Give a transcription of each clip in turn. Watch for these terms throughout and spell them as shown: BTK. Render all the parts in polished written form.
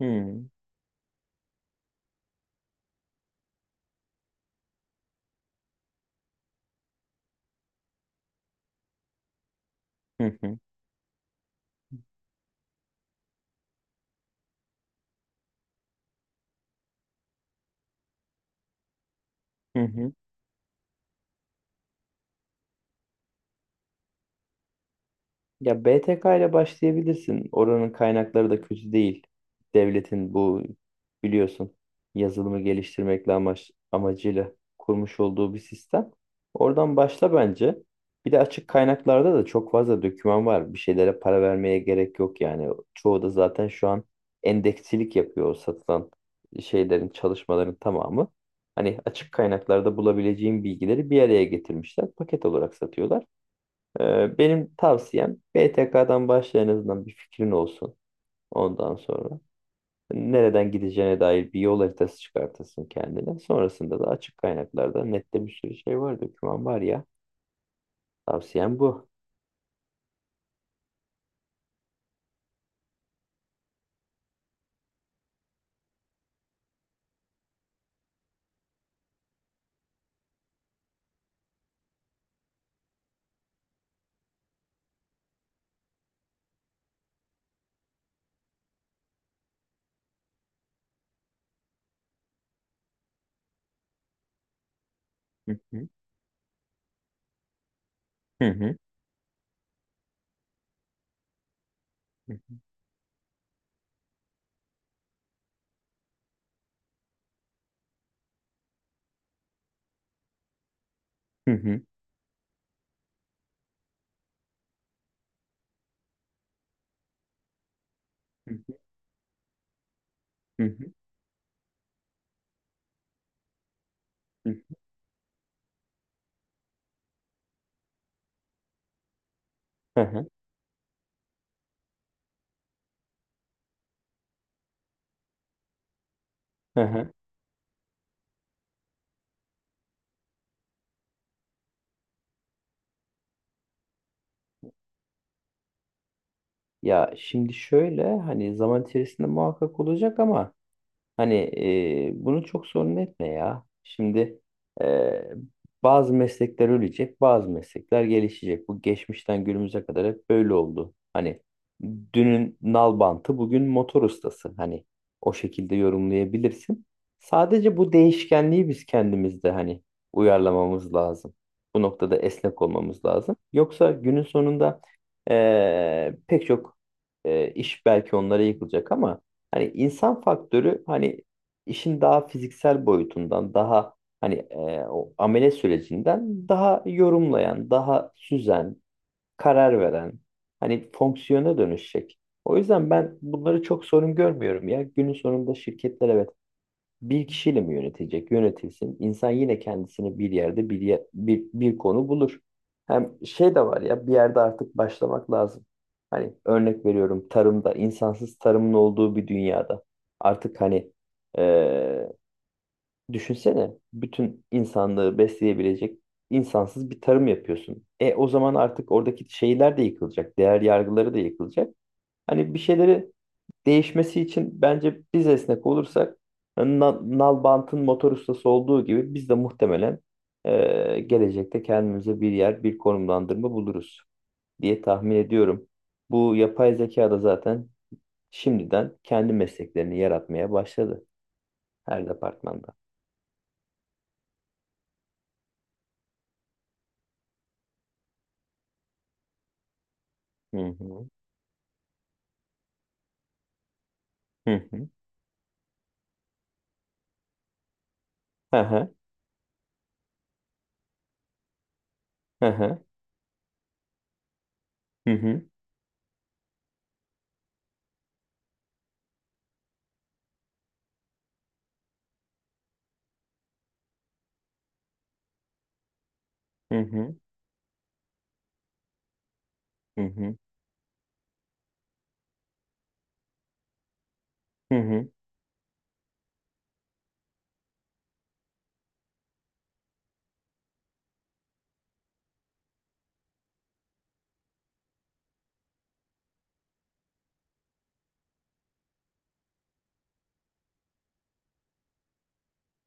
Hmm, hı hı. Hı hı. Ya BTK ile başlayabilirsin. Oranın kaynakları da kötü değil. Devletin bu biliyorsun yazılımı geliştirmekle amacıyla kurmuş olduğu bir sistem. Oradan başla bence. Bir de açık kaynaklarda da çok fazla doküman var. Bir şeylere para vermeye gerek yok yani. Çoğu da zaten şu an endeksilik yapıyor o satılan şeylerin, çalışmaların tamamı. Hani açık kaynaklarda bulabileceğin bilgileri bir araya getirmişler. Paket olarak satıyorlar. Benim tavsiyem BTK'dan başla, en azından bir fikrin olsun ondan sonra. Nereden gideceğine dair bir yol haritası çıkartırsın kendine. Sonrasında da açık kaynaklarda nette bir sürü şey var, doküman var ya. Tavsiyem bu. Hı hı, hı hı, hı hı, hı hı, hı hı, hı hı, hı hı. Ya şimdi şöyle, hani zaman içerisinde muhakkak olacak ama hani bunu çok sorun etme ya. Şimdi e, bazı meslekler ölecek, bazı meslekler gelişecek. Bu geçmişten günümüze kadar hep böyle oldu. Hani dünün nalbantı bugün motor ustası. Hani o şekilde yorumlayabilirsin. Sadece bu değişkenliği biz kendimizde hani uyarlamamız lazım. Bu noktada esnek olmamız lazım. Yoksa günün sonunda pek çok iş belki onlara yıkılacak ama hani insan faktörü, hani işin daha fiziksel boyutundan daha hani o amele sürecinden daha yorumlayan, daha süzen, karar veren hani fonksiyona dönüşecek. O yüzden ben bunları çok sorun görmüyorum ya. Günün sonunda şirketler, evet, bir kişiyle mi yönetecek? Yönetilsin. İnsan yine kendisini bir yerde bir konu bulur. Hem şey de var ya, bir yerde artık başlamak lazım. Hani örnek veriyorum, tarımda insansız tarımın olduğu bir dünyada artık hani eee, düşünsene bütün insanlığı besleyebilecek insansız bir tarım yapıyorsun. E o zaman artık oradaki şeyler de yıkılacak, değer yargıları da yıkılacak. Hani bir şeyleri değişmesi için bence biz esnek olursak, Nalbant'ın motor ustası olduğu gibi biz de muhtemelen gelecekte kendimize bir yer, bir konumlandırma buluruz diye tahmin ediyorum. Bu yapay zeka da zaten şimdiden kendi mesleklerini yaratmaya başladı her departmanda. Hı hı. Hı hı. Hı hı. Hı hı. Hı hı. Hı hı. Hı hı.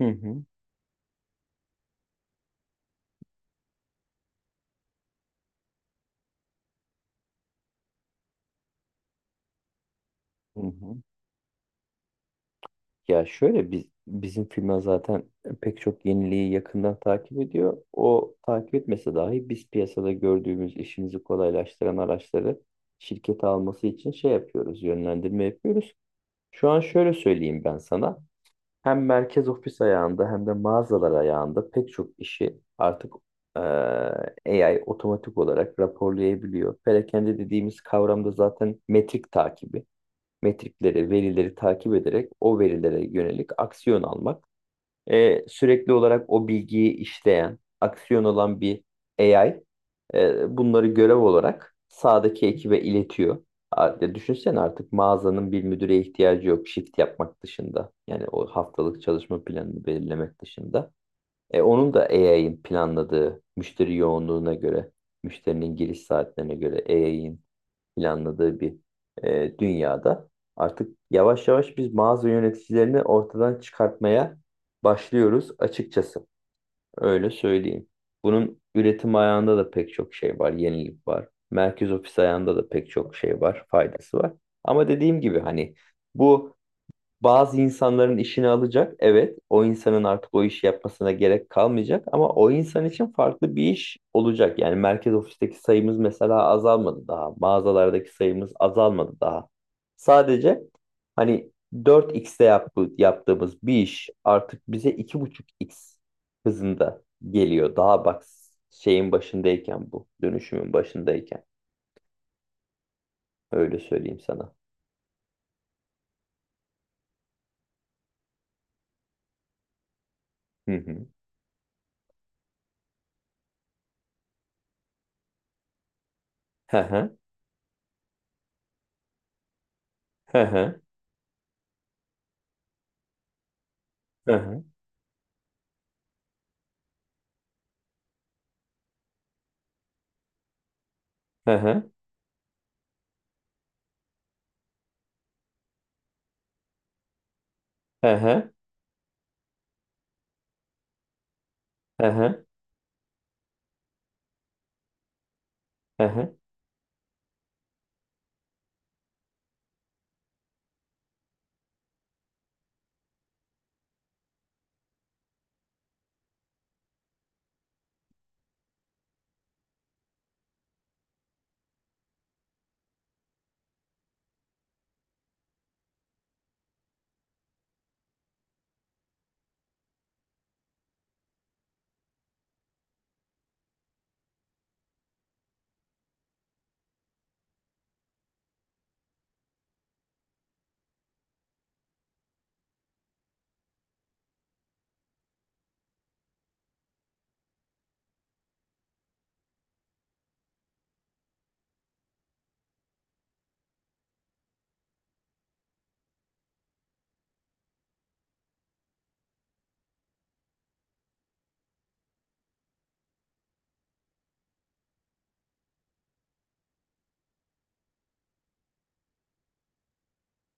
Hı hı. Hı hı. Hı hı. Ya şöyle, bizim firma zaten pek çok yeniliği yakından takip ediyor. O takip etmese dahi biz piyasada gördüğümüz işimizi kolaylaştıran araçları şirkete alması için şey yapıyoruz, yönlendirme yapıyoruz. Şu an şöyle söyleyeyim ben sana. Hem merkez ofis ayağında hem de mağazalar ayağında pek çok işi artık eee, AI otomatik olarak raporlayabiliyor. Perakende dediğimiz kavramda zaten metrikleri, verileri takip ederek o verilere yönelik aksiyon almak. E, sürekli olarak o bilgiyi işleyen, aksiyon olan bir AI bunları görev olarak sağdaki ekibe iletiyor. A- Düşünsene, artık mağazanın bir müdüre ihtiyacı yok shift yapmak dışında. Yani o haftalık çalışma planını belirlemek dışında. E, onun da AI'ın planladığı müşteri yoğunluğuna göre, müşterinin giriş saatlerine göre AI'ın planladığı bir dünyada artık yavaş yavaş biz mağaza yöneticilerini ortadan çıkartmaya başlıyoruz açıkçası. Öyle söyleyeyim. Bunun üretim ayağında da pek çok şey var, yenilik var. Merkez ofis ayağında da pek çok şey var, faydası var. Ama dediğim gibi hani bu bazı insanların işini alacak. Evet, o insanın artık o işi yapmasına gerek kalmayacak ama o insan için farklı bir iş olacak. Yani merkez ofisteki sayımız mesela azalmadı daha. Mağazalardaki sayımız azalmadı daha. Sadece hani dört xte yaptığımız bir iş artık bize iki buçuk x hızında geliyor. Daha bak şeyin başındayken bu, dönüşümün başındayken. Öyle söyleyeyim sana. Hı hı. Hı hı. Hı hı. Hı hı. Hı hı. Hı hı. Hı hı, hı hı,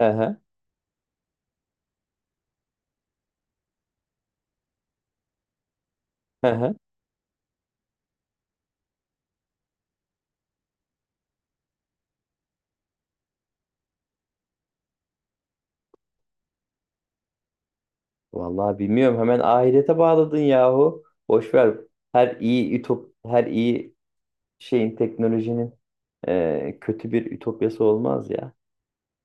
hı hı, hı hı. Vallahi bilmiyorum. Hemen ahirete bağladın yahu. Boş ver. Her iyi teknolojinin kötü bir ütopyası olmaz ya.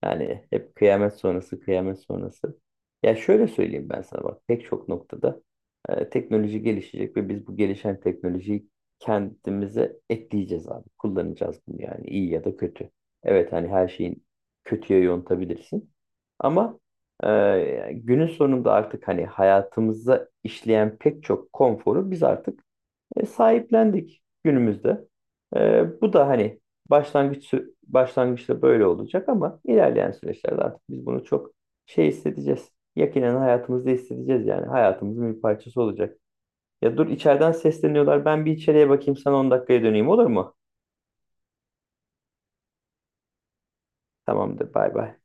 Yani hep kıyamet sonrası, kıyamet sonrası. Ya şöyle söyleyeyim ben sana bak, pek çok noktada teknoloji gelişecek ve biz bu gelişen teknolojiyi kendimize ekleyeceğiz abi. Kullanacağız bunu yani, iyi ya da kötü. Evet hani her şeyin kötüye yontabilirsin. Ama günün sonunda artık hani hayatımıza işleyen pek çok konforu biz artık sahiplendik günümüzde. E, bu da hani başlangıçta böyle olacak ama ilerleyen süreçlerde artık biz bunu çok şey hissedeceğiz. Yakinen hayatımızda hissedeceğiz, yani hayatımızın bir parçası olacak. Ya dur, içeriden sesleniyorlar. Ben bir içeriye bakayım, sana 10 dakikaya döneyim, olur mu? Tamamdır, bay bay.